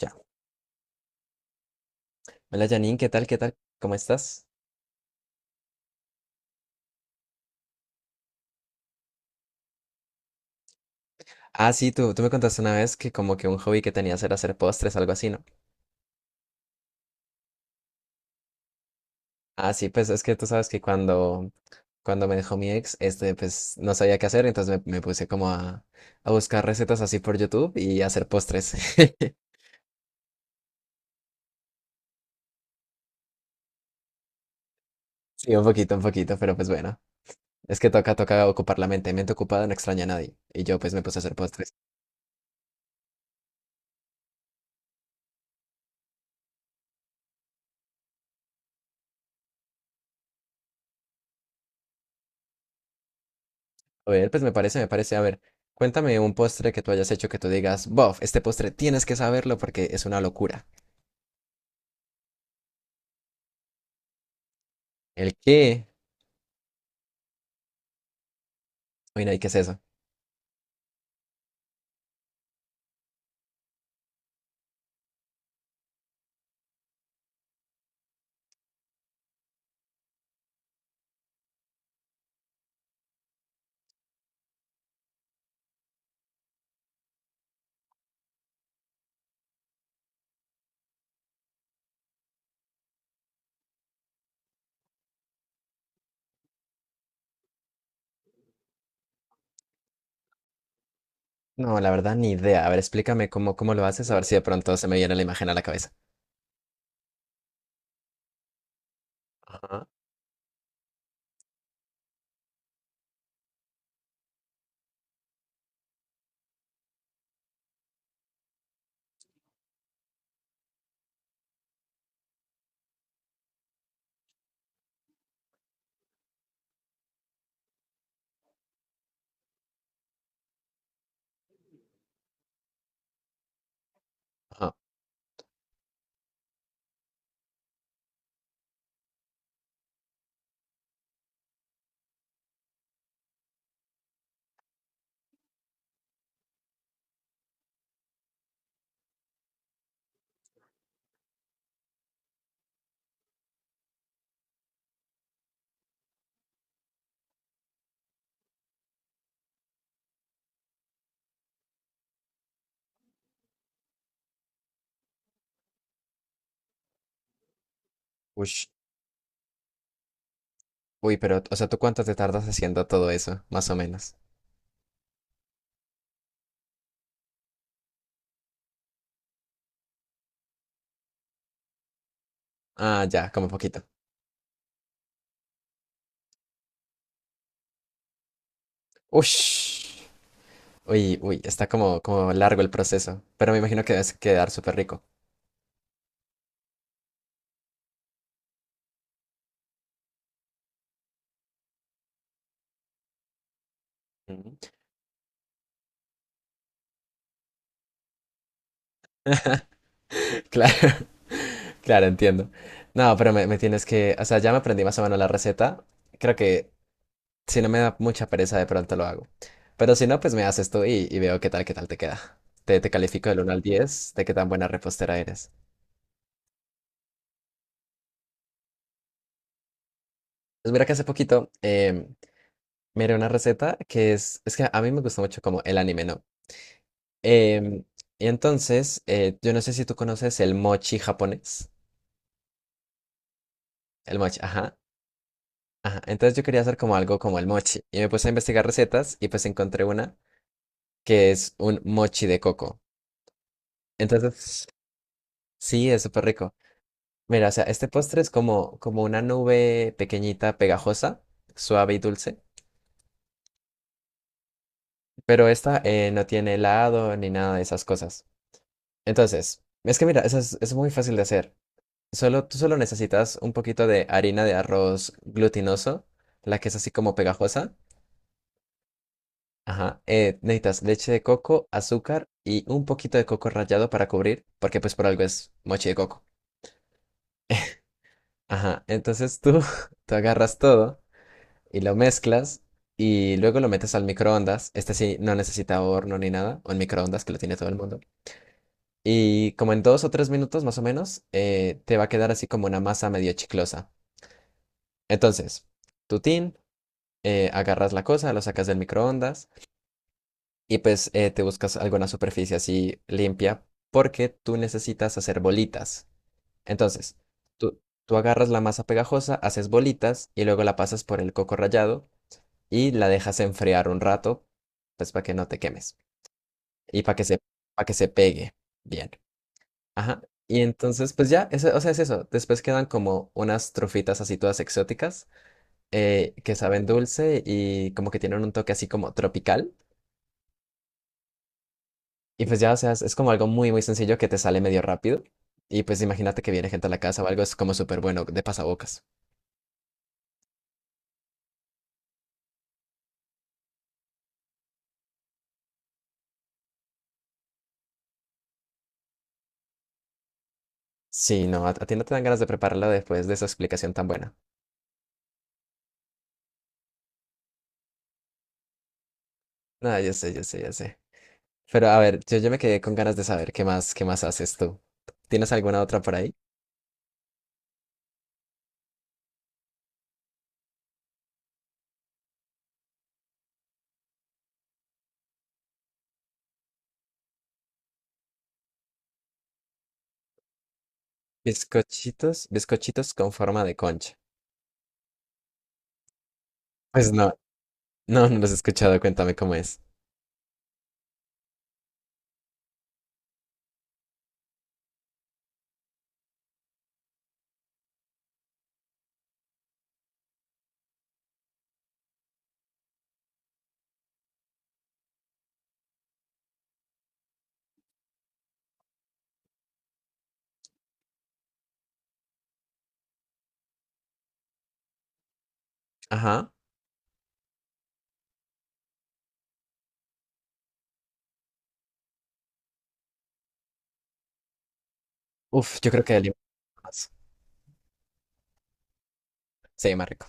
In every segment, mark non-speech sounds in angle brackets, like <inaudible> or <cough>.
Ya. Hola Janine, ¿qué tal? ¿Qué tal? ¿Cómo estás? Ah, sí, tú me contaste una vez que como que un hobby que tenías era hacer postres, algo así, ¿no? Ah, sí, pues es que tú sabes que cuando me dejó mi ex, pues no sabía qué hacer, entonces me puse como a buscar recetas así por YouTube y hacer postres. <laughs> Sí, un poquito, pero pues bueno. Es que toca, toca ocupar la mente. Mente ocupada no extraña a nadie. Y yo pues me puse a hacer postres. A ver, pues me parece, me parece. A ver, cuéntame un postre que tú hayas hecho que tú digas, bof, este postre tienes que saberlo porque es una locura. ¿El qué? Uy, no, ¿y qué es eso? No, la verdad, ni idea. A ver, explícame cómo, cómo lo haces, a ver si de pronto se me viene la imagen a la cabeza. Ajá, ajá. Ush. Uy, pero, o sea, ¿tú cuánto te tardas haciendo todo eso? Más o menos. Ah, ya, como poquito. Ush. Uy, uy, está como, como largo el proceso. Pero me imagino que debes quedar súper rico. Ujú. Claro, <laughs> claro, entiendo. No, pero me tienes que, o sea, ya me aprendí más o menos la receta. Creo que si no me da mucha pereza, de pronto lo hago. Pero si no, pues me haces tú y veo qué tal te queda. Te califico del 1 al 10 de qué tan buena repostera eres. Pues mira que hace poquito miré una receta que es que a mí me gusta mucho como el anime, ¿no? Em, y entonces, yo no sé si tú conoces el mochi japonés. El mochi, ajá, ajá. Entonces yo quería hacer como algo como el mochi. Y me puse a investigar recetas y pues encontré una que es un mochi de coco. Entonces, sí, es súper rico. Mira, o sea, este postre es como, como una nube pequeñita, pegajosa, suave y dulce, pero esta no tiene helado ni nada de esas cosas. Entonces, es que mira, eso es muy fácil de hacer. Solo, tú solo necesitas un poquito de harina de arroz glutinoso, la que es así como pegajosa. Ajá, necesitas leche de coco, azúcar y un poquito de coco rallado para cubrir, porque pues por algo es mochi de coco. Ajá, entonces tú, <laughs> tú agarras todo. Y lo mezclas y luego lo metes al microondas. Este sí no necesita horno ni nada, o el microondas que lo tiene todo el mundo. Y como en 2 o 3 minutos más o menos, te va a quedar así como una masa medio chiclosa. Entonces, tu tin, agarras la cosa, lo sacas del microondas y pues te buscas alguna superficie así limpia porque tú necesitas hacer bolitas. Entonces, tú, tú agarras la masa pegajosa, haces bolitas y luego la pasas por el coco rallado y la dejas enfriar un rato, pues para que no te quemes y para que se pegue bien. Ajá. Y entonces, pues ya, o sea, es eso. Después quedan como unas trufitas así todas exóticas que saben dulce y como que tienen un toque así como tropical. Y pues ya, o sea, es como algo muy, muy sencillo que te sale medio rápido. Y pues imagínate que viene gente a la casa o algo, es como súper bueno de pasabocas. Sí, no, a ti no te dan ganas de prepararlo después de esa explicación tan buena. No, yo sé, yo sé, yo sé. Pero a ver, yo me quedé con ganas de saber qué más haces tú. ¿Tienes alguna otra por ahí? Bizcochitos, bizcochitos con forma de concha. Pues no, no, no los he escuchado, cuéntame cómo es. Ajá. Uf, yo creo que de limón más. Sí, más rico.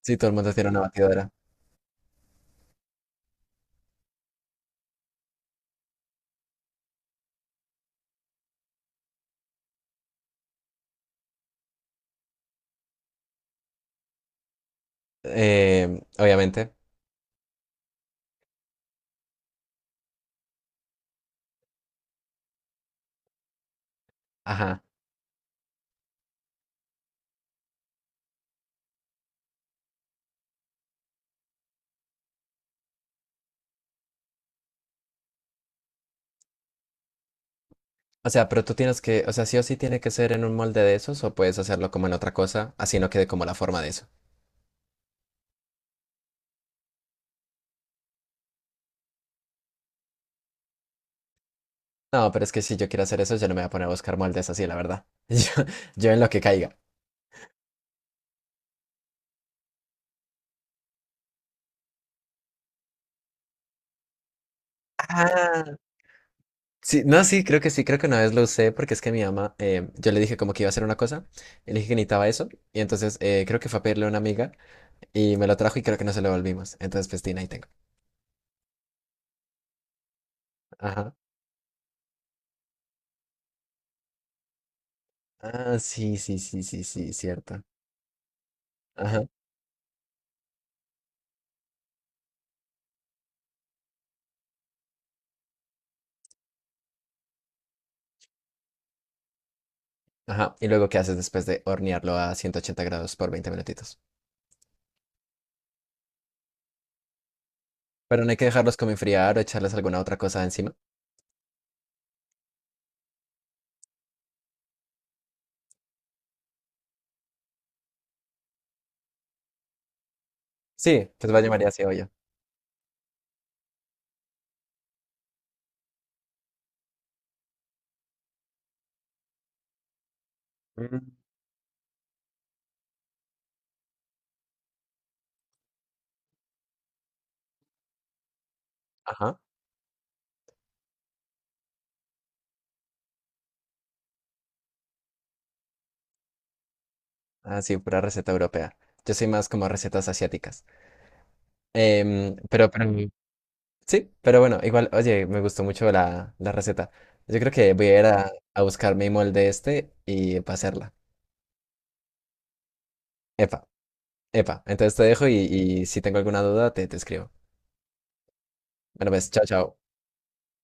Sí, todo el mundo tiene una batidora. Obviamente. Ajá. O sea, pero tú tienes que, o sea, sí o sí tiene que ser en un molde de esos o puedes hacerlo como en otra cosa, así no quede como la forma de eso. No, pero es que si yo quiero hacer eso, yo no me voy a poner a buscar moldes así, la verdad. <laughs> Yo en lo que caiga. Ah. Sí, no, sí, creo que una vez lo usé porque es que mi mamá, yo le dije como que iba a hacer una cosa, y le dije que necesitaba eso y entonces creo que fue a pedirle a una amiga y me lo trajo y creo que no se lo volvimos. Entonces, pues, tin, ahí tengo. Ajá. Ah, sí, sí, sí, sí, sí, cierto. Ajá, ajá. ¿Y luego qué haces después de hornearlo a 180 grados por 20 minutitos? Pero no hay que dejarlos como enfriar o echarles alguna otra cosa encima. Sí, pues vaya María, sí, yo. Ajá. Ah, sí, pura receta europea. Yo soy más como recetas asiáticas. Pero, sí, pero bueno, igual, oye, me gustó mucho la receta. Yo creo que voy a ir a buscar mi molde este y para hacerla. Epa, epa. Entonces te dejo y, si tengo alguna duda, te escribo. Bueno, pues, chao, chao.